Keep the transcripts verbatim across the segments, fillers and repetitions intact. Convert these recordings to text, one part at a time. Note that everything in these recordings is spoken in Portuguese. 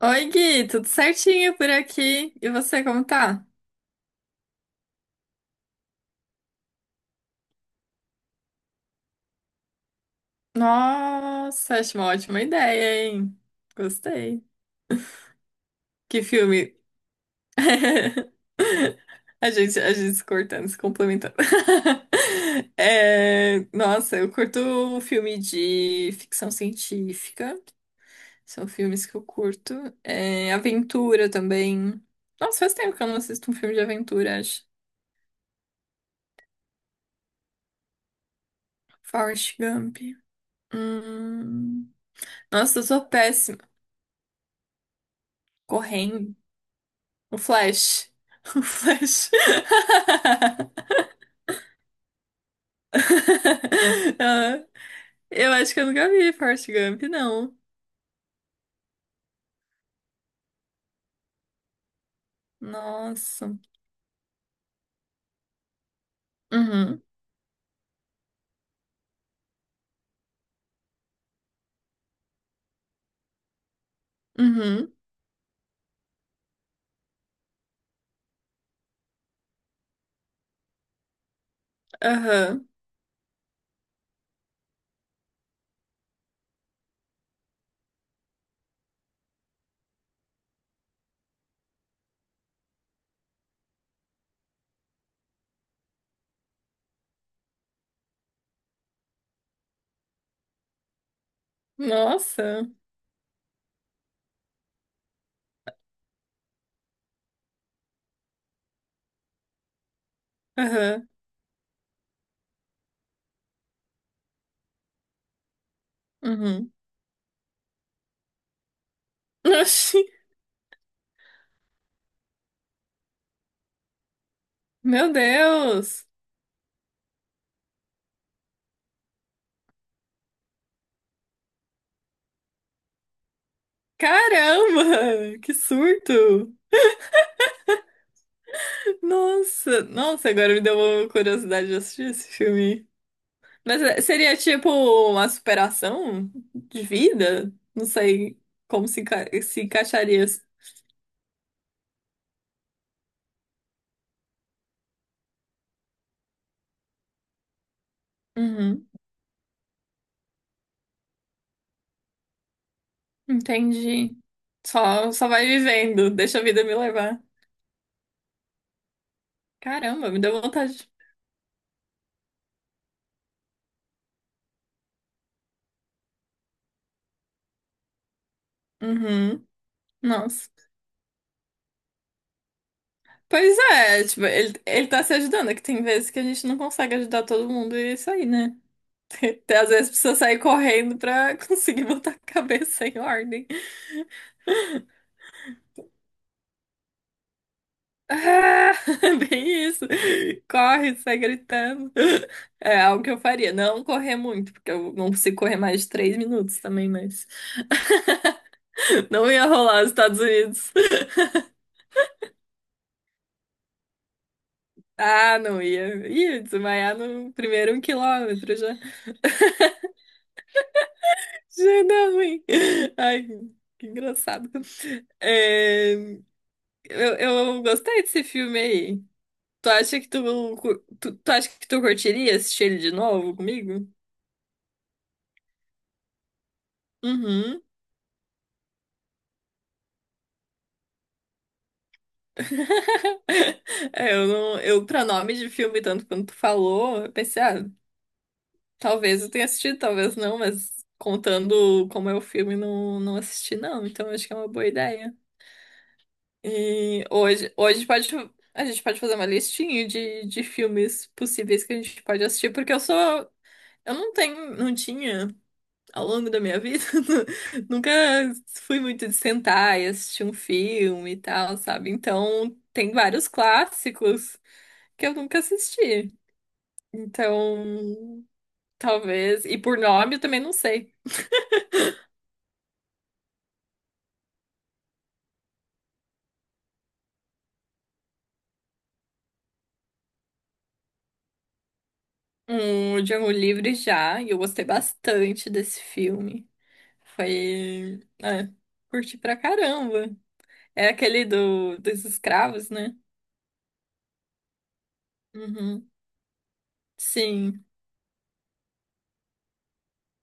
Oi, Gui, tudo certinho por aqui? E você, como tá? Nossa, acho uma ótima ideia, hein? Gostei. Que filme? A gente, a gente se cortando, se complementando. É, nossa, eu curto filme de ficção científica. São filmes que eu curto. É, aventura também. Nossa, faz tempo que eu não assisto um filme de aventura, acho. Forrest Gump. Hum. Nossa, eu sou péssima. Correm. O Flash. O Flash. Ah, eu acho que eu nunca vi Forrest Gump, não. Nossa. Uhum. Uhum. Aham. Nossa. Aham. Uhum. Oxi. Meu Deus. Caramba! Que surto! Nossa, nossa, agora me deu uma curiosidade de assistir esse filme. Mas é, seria tipo uma superação de vida? Não sei como se, enca- se encaixaria. Uhum, entendi. Só, só vai vivendo, deixa a vida me levar. Caramba, me deu vontade. Uhum, nossa. Pois é, tipo, ele, ele tá se ajudando, é que tem vezes que a gente não consegue ajudar todo mundo e é isso aí, né? Até às vezes precisa sair correndo pra conseguir botar a cabeça em ordem. Ah, bem isso. Corre, sai gritando. É algo que eu faria. Não correr muito, porque eu não consigo correr mais de três minutos também, mas. Não ia rolar os Estados Unidos. Ah, não ia. Ia desmaiar no primeiro um quilômetro já. Já dá ruim. Ai, que engraçado. É, eu, eu gostei desse filme aí. Tu acha que tu, tu, tu acha que tu curtiria assistir ele de novo comigo? Uhum. É, eu não, eu pra nome de filme, tanto quanto tu falou, eu pensei, ah, talvez eu tenha assistido, talvez não, mas contando como é o filme, não, não assisti não, então acho que é uma boa ideia. E hoje, hoje pode, a gente pode fazer uma listinha de, de filmes possíveis que a gente pode assistir, porque eu sou, eu não tenho, não tinha ao longo da minha vida, nunca fui muito de sentar e assistir um filme e tal, sabe? Então tem vários clássicos que eu nunca assisti. Então, talvez. E por nome eu também não sei. Um, Django Livre já, e eu gostei bastante desse filme. Foi. É, curti pra caramba. É aquele do, dos escravos, né? Uhum. Sim.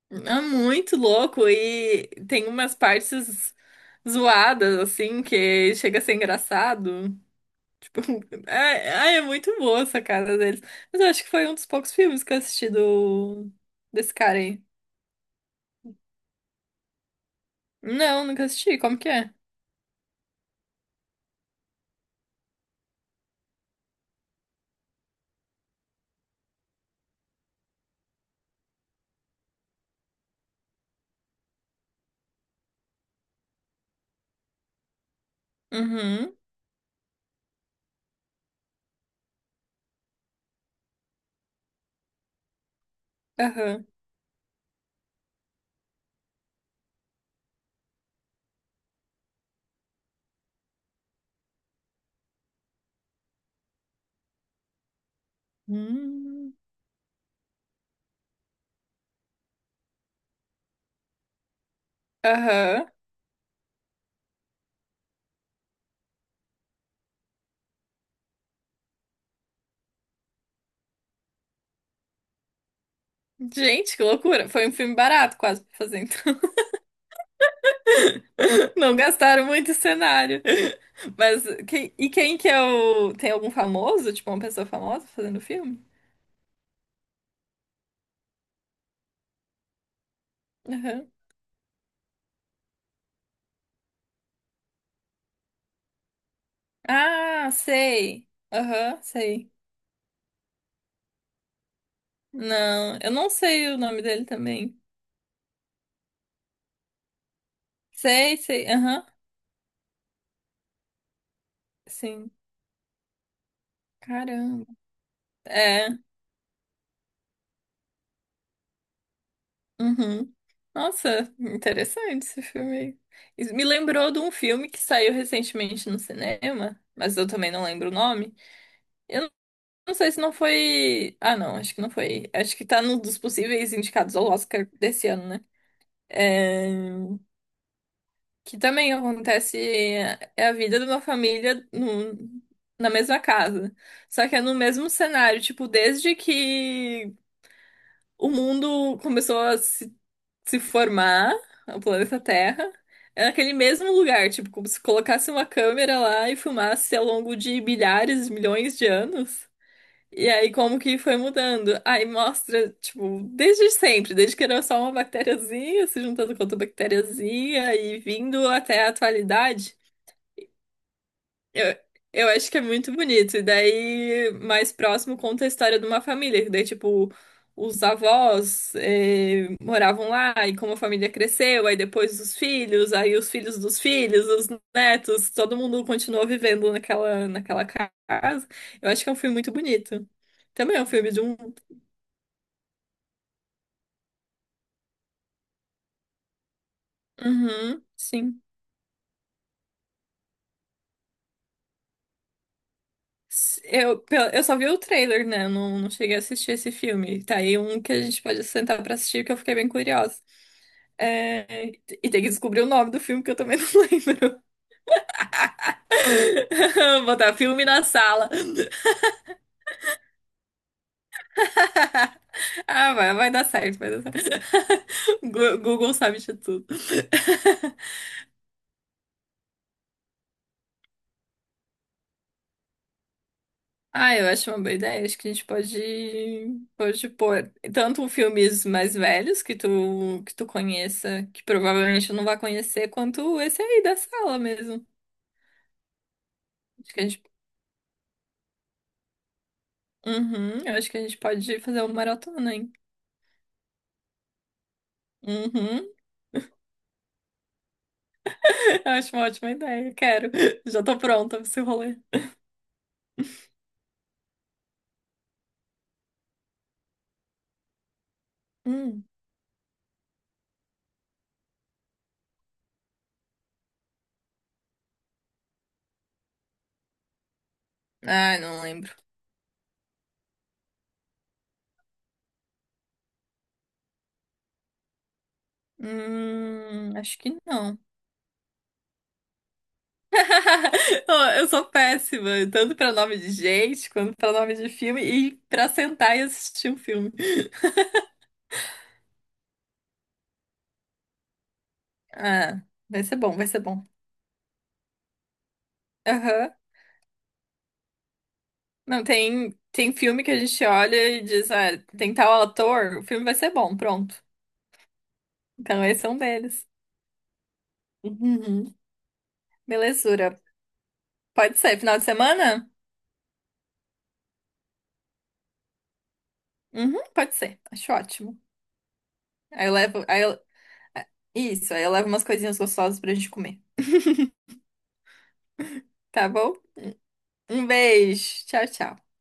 É muito louco e tem umas partes zoadas, assim, que chega a ser engraçado. Ai, ai, é muito boa essa cara deles. Mas eu acho que foi um dos poucos filmes que eu assisti do... desse cara aí. Não, nunca assisti. Como que é? Uhum. Aham. Hum, aham. Gente, que loucura. Foi um filme barato quase pra fazer, então. Não gastaram muito em cenário. Mas quem- e quem que é o... Tem algum famoso? Tipo, uma pessoa famosa fazendo o filme? Aham. Ah, sei. Aham, sei. Não, eu não sei o nome dele também. Sei, sei. Aham. Sim. Caramba. É. Uhum. Nossa, interessante esse filme. Aí. Isso me lembrou de um filme que saiu recentemente no cinema, mas eu também não lembro o nome. Eu não sei se não foi. Ah, não, acho que não foi. Acho que tá num dos possíveis indicados ao Oscar desse ano, né? É, que também acontece. É a vida de uma família no... na mesma casa. Só que é no mesmo cenário, tipo, desde que o mundo começou a se, se formar, o planeta Terra, é naquele mesmo lugar, tipo, como se colocasse uma câmera lá e filmasse ao longo de milhares, milhões de anos. E aí, como que foi mudando? Aí mostra, tipo, desde sempre, desde que era só uma bactériazinha se juntando com outra bactériazinha e vindo até a atualidade. Eu, eu acho que é muito bonito. E daí, mais próximo, conta a história de uma família. Que daí, tipo, os avós eh, moravam lá e como a família cresceu, aí depois os filhos, aí os filhos dos filhos, os netos, todo mundo continuou vivendo naquela, naquela casa. Eu acho que é um filme muito bonito. Também é um filme de um. Uhum, sim. Eu, pe- eu só vi o trailer, né? Eu não, não cheguei a assistir esse filme. Tá aí um que a gente pode sentar pra assistir, que eu fiquei bem curiosa. É, E e tem que descobrir o nome do filme, que eu também não lembro. Botar filme na sala. Ah, vai, vai dar certo, vai dar certo. Gu- Google sabe de tudo. Ah, eu acho uma boa ideia. Acho que a gente pode, pode, pôr tanto filmes mais velhos que tu, que tu conheça, que provavelmente eu não vai conhecer, quanto esse aí da sala mesmo. Acho que a gente, uhum, eu acho que a gente pode fazer uma maratona, hein? Uhum. Eu acho uma ótima ideia. Quero. Já tô pronta pra esse rolê. Hum. Ah, não lembro. Hum, acho que não. Ô, eu sou péssima, tanto pra nome de gente, quanto pra nome de filme, e pra sentar e assistir um filme. Ah, vai ser bom, vai ser bom. Aham. Não, tem, tem filme que a gente olha e diz, ah, tem tal ator, o filme vai ser bom, pronto. Então esse é um deles. Uhum. Belezura. Pode ser, final de semana? Uhum, pode ser, acho ótimo. Aí eu levo, aí eu- ah, isso, aí eu levo umas coisinhas gostosas pra gente comer, tá bom? Um beijo, tchau, tchau.